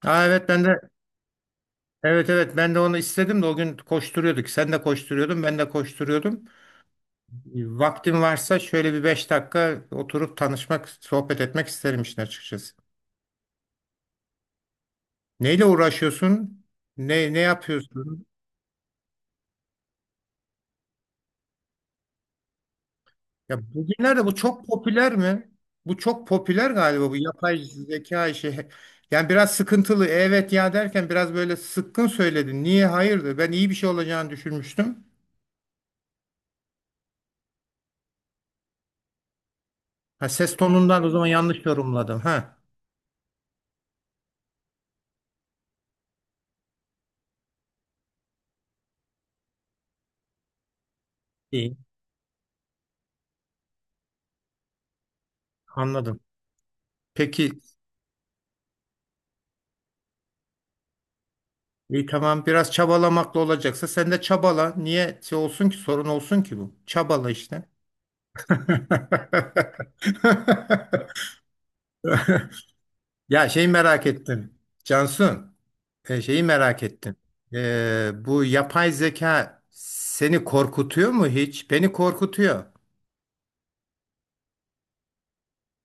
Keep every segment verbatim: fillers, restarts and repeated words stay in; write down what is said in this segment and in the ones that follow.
Ha, evet ben de. Evet, evet, ben de onu istedim de o gün koşturuyorduk. Sen de koşturuyordun, ben de koşturuyordum. Vaktim varsa şöyle bir beş dakika oturup tanışmak, sohbet etmek isterim işin açıkçası. Neyle uğraşıyorsun? Ne ne yapıyorsun? Ya bugünlerde bu çok popüler mi? Bu çok popüler galiba, bu yapay zeka işi. Yani biraz sıkıntılı. Evet ya derken biraz böyle sıkkın söyledin. Niye, hayırdır? Ben iyi bir şey olacağını düşünmüştüm. Ha, ses tonundan o zaman yanlış yorumladım. Ha. İyi. Anladım. Peki, iyi, tamam, biraz çabalamakla olacaksa sen de çabala. Niye şey olsun ki, sorun olsun ki bu? Çabala işte. Ya, şeyi merak ettim. Cansun, e, şeyi merak ettim. E, bu yapay zeka seni korkutuyor mu hiç? Beni korkutuyor.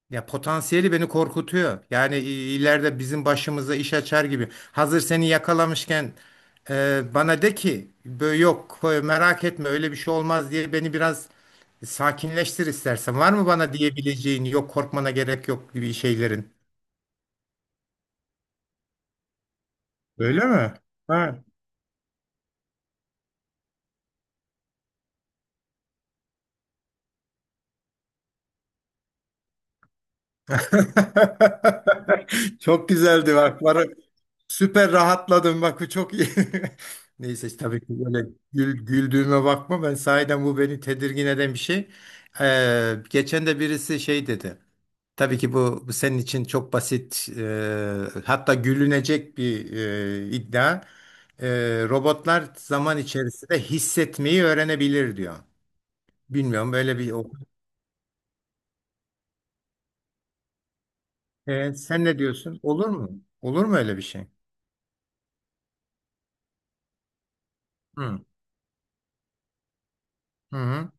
Ya, potansiyeli beni korkutuyor. Yani i- ileride bizim başımıza iş açar gibi. Hazır seni yakalamışken e, bana de ki "Bö- yok e, merak etme, öyle bir şey olmaz diye beni biraz sakinleştir istersen. Var mı bana diyebileceğin yok, korkmana gerek yok gibi şeylerin? Öyle mi? Ha. Çok güzeldi bak. Süper rahatladım, bak bu çok iyi. Neyse, tabii ki böyle gül- güldüğüme bakma, ben sahiden bu beni tedirgin eden bir şey. Ee, geçen de birisi şey dedi. Tabii ki bu, bu senin için çok basit, e, hatta gülünecek bir e, iddia. Ee, robotlar zaman içerisinde hissetmeyi öğrenebilir diyor. Bilmiyorum, böyle bir. Ee, sen ne diyorsun? Olur mu? Olur mu öyle bir şey? Hı. Hı hı.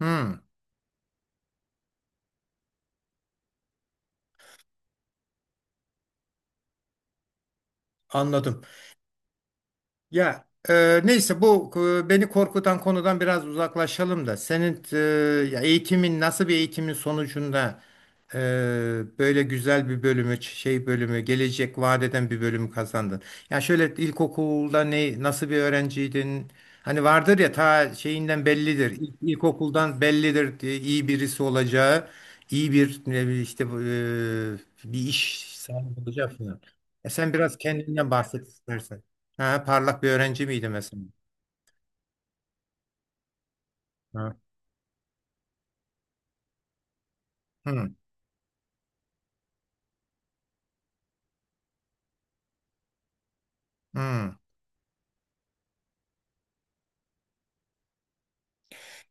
Hı. Anladım. Ya, e, neyse bu e, beni korkutan konudan biraz uzaklaşalım da senin e, ya, eğitimin nasıl bir eğitimin sonucunda e, böyle güzel bir bölümü, ç- şey bölümü, gelecek vaat eden bir bölümü kazandın. Ya, şöyle ilkokulda ne nasıl bir öğrenciydin? Hani vardır ya, ta şeyinden bellidir. İlk, ilkokuldan bellidir diye, iyi birisi olacağı, iyi bir ne bileyim işte e, bir iş sahibi olacağı falan. E, sen biraz kendinden bahset istersen. Ha, parlak bir öğrenci miydi mesela? Ha. Hı, hı.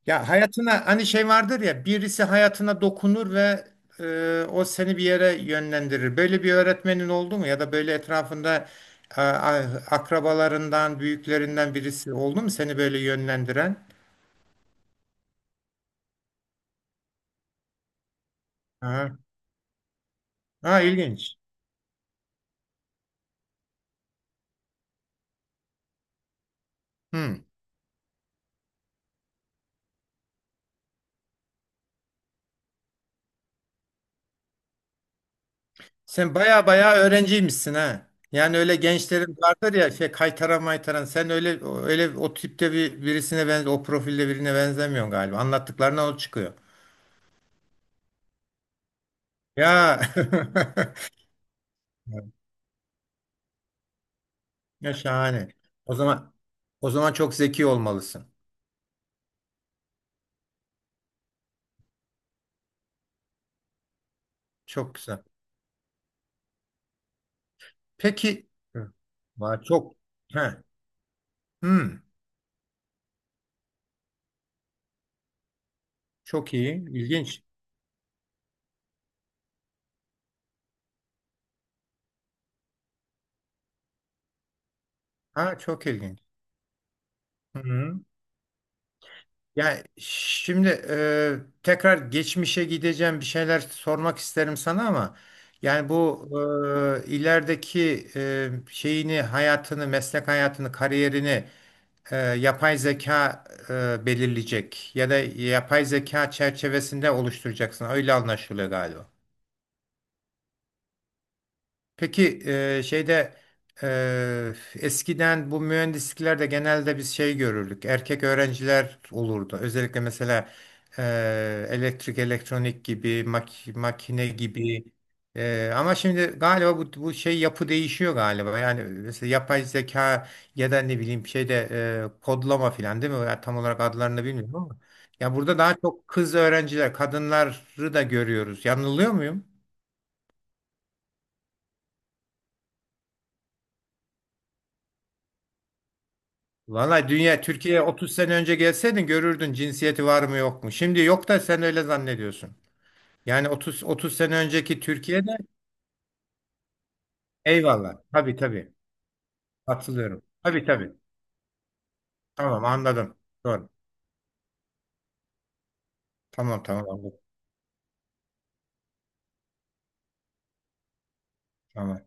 Ya, hayatına hani şey vardır ya, birisi hayatına dokunur ve e, o seni bir yere yönlendirir. Böyle bir öğretmenin oldu mu, ya da böyle etrafında a- a- akrabalarından, büyüklerinden birisi oldu mu seni böyle yönlendiren? Ha, ha ilginç. Hı. Sen baya baya öğrenciymişsin ha. Yani, öyle gençlerin vardır ya, şey, kaytaran maytaran, sen öyle öyle o tipte bir birisine, benze o profilde birine benzemiyorsun galiba. Anlattıklarına o çıkıyor. Ya, ya şahane. O zaman O zaman çok zeki olmalısın. Çok güzel. Peki. Hı. Vay, çok he. Hmm, çok iyi. İlginç. Ha, çok ilginç. Hı. Yani şimdi e, tekrar geçmişe gideceğim, bir şeyler sormak isterim sana ama yani bu e, ilerideki e, şeyini, hayatını, meslek hayatını, kariyerini e, yapay zeka e, belirleyecek ya da yapay zeka çerçevesinde oluşturacaksın, öyle anlaşılıyor galiba. Peki e, şeyde e, eskiden bu mühendisliklerde genelde biz şey görürdük. Erkek öğrenciler olurdu. Özellikle mesela e, elektrik, elektronik gibi, mak- makine gibi. E, ama şimdi galiba bu, bu şey, yapı değişiyor galiba. Yani mesela yapay zeka ya da ne bileyim şeyde e, kodlama falan değil mi? Ya, tam olarak adlarını bilmiyorum ama. Ya, burada daha çok kız öğrenciler, kadınları da görüyoruz. Yanılıyor muyum? Vallahi, dünya Türkiye'ye otuz sene önce gelseydin görürdün cinsiyeti var mı yok mu. Şimdi yok da sen öyle zannediyorsun. Yani otuz otuz sene önceki Türkiye'de. Eyvallah. Tabii, tabii. Katılıyorum. Tabii, tabii. Tamam, anladım. Doğru. Tamam, tamam, anladım. Tamam.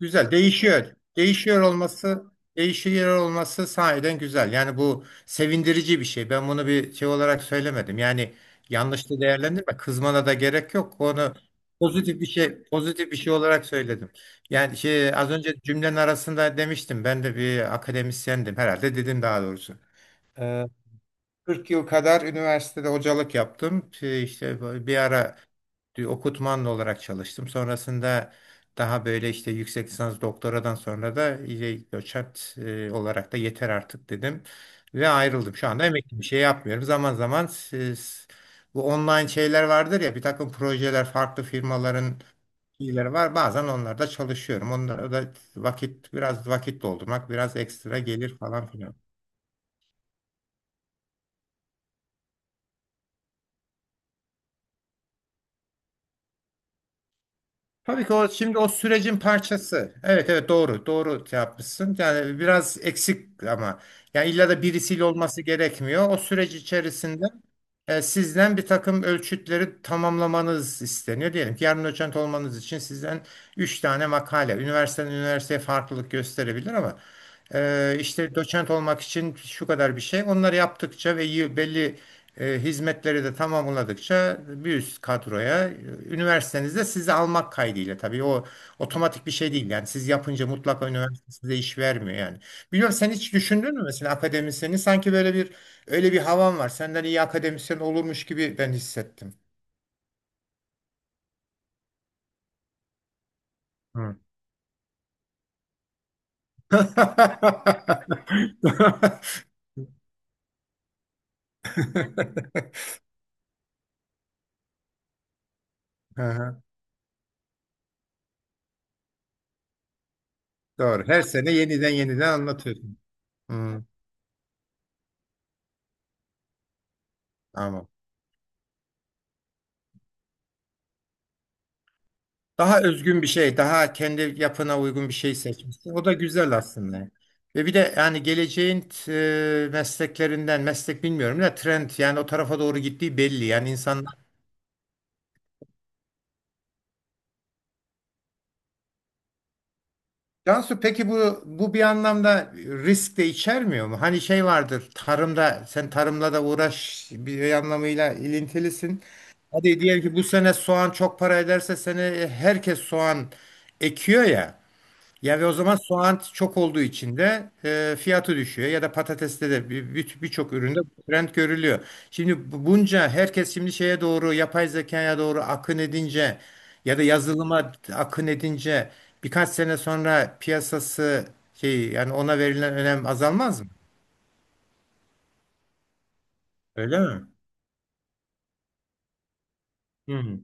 Güzel, değişiyor. Değişiyor olması, değişiyor olması sahiden güzel. Yani bu sevindirici bir şey. Ben bunu bir şey olarak söylemedim. Yani, yanlış da değerlendirme. Kızmana da gerek yok. Onu pozitif bir şey, pozitif bir şey olarak söyledim. Yani şey, az önce cümlenin arasında demiştim. Ben de bir akademisyendim herhalde dedim, daha doğrusu. kırk yıl kadar üniversitede hocalık yaptım. Ee, İşte bir ara okutmanlı olarak çalıştım. Sonrasında daha böyle işte, yüksek lisans, doktoradan sonra da iyice, doçent e, olarak da yeter artık dedim ve ayrıldım. Şu anda emekli, bir şey yapmıyorum. Zaman zaman, siz, bu online şeyler vardır ya, bir takım projeler, farklı firmaların şeyleri var. Bazen onlarda çalışıyorum. Onlara da vakit, biraz vakit doldurmak, biraz ekstra gelir falan filan. Tabii ki o, şimdi o sürecin parçası. Evet, evet, doğru doğru şey yapmışsın. Yani biraz eksik ama yani, illa da birisiyle olması gerekmiyor. O süreç içerisinde e, sizden bir takım ölçütleri tamamlamanız isteniyor. Diyelim ki yarın doçent olmanız için sizden üç tane makale. Üniversiteden üniversiteye farklılık gösterebilir ama e, işte doçent olmak için şu kadar bir şey. Onları yaptıkça ve yı- belli e, hizmetleri de tamamladıkça bir üst kadroya, e, üniversitenizde sizi almak kaydıyla tabii, o otomatik bir şey değil. Yani siz yapınca mutlaka üniversite size iş vermiyor yani. Biliyorum, sen hiç düşündün mü mesela, akademisyeni sanki, böyle bir, öyle bir havan var. Senden iyi akademisyen olurmuş gibi ben hissettim. Hı. Hı hı, doğru. Her sene yeniden yeniden anlatıyorsun. Hı, tamam. Daha özgün bir şey, daha kendi yapına uygun bir şey seçmişsin. O da güzel aslında. Ve bir de yani geleceğin e, mesleklerinden, meslek bilmiyorum da, trend yani o tarafa doğru gittiği belli. Yani insanlar. Cansu, peki bu bu bir anlamda risk de içermiyor mu? Hani şey vardır, tarımda, sen tarımla da uğraş, bir anlamıyla ilintilisin. Hadi diyelim ki bu sene soğan çok para ederse, seni, herkes soğan ekiyor ya. Ya, ve o zaman soğan çok olduğu için de e, fiyatı düşüyor, ya da patateste de, bir- bir- birçok üründe bu trend görülüyor. Şimdi bu- bunca herkes şimdi şeye doğru, yapay zekaya doğru akın edince ya da yazılıma akın edince, birkaç sene sonra piyasası, şey yani, ona verilen önem azalmaz mı? Öyle mi? Hı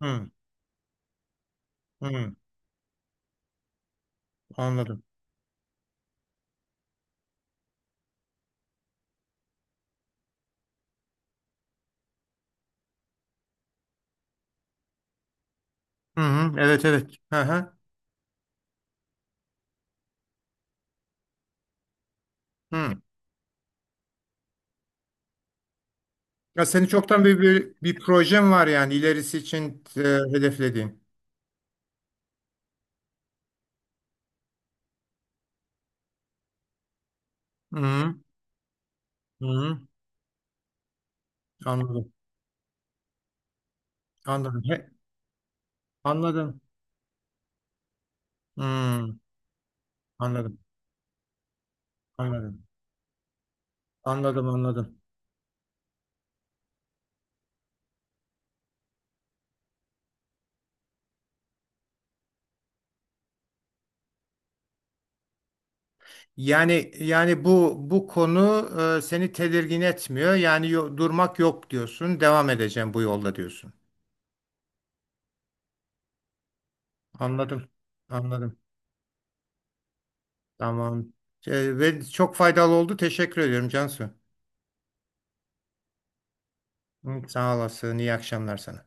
hı hı, anladım. Hı hı, evet evet. Hı hı. Hı. Ya, senin çoktan bir, bir bir projen var yani, ilerisi için e, hedeflediğin. Hı. Hı hı, anladım. Anladım. He- anladım. Hmm, anladım. Anladım. Anladım, anladım. Yani yani bu, bu konu e, seni tedirgin etmiyor. Yani yo- durmak yok diyorsun. Devam edeceğim bu yolda diyorsun. Anladım. Anladım. Tamam. E, ve çok faydalı oldu. Teşekkür ediyorum Cansu. Hı, sağ olasın. İyi akşamlar sana.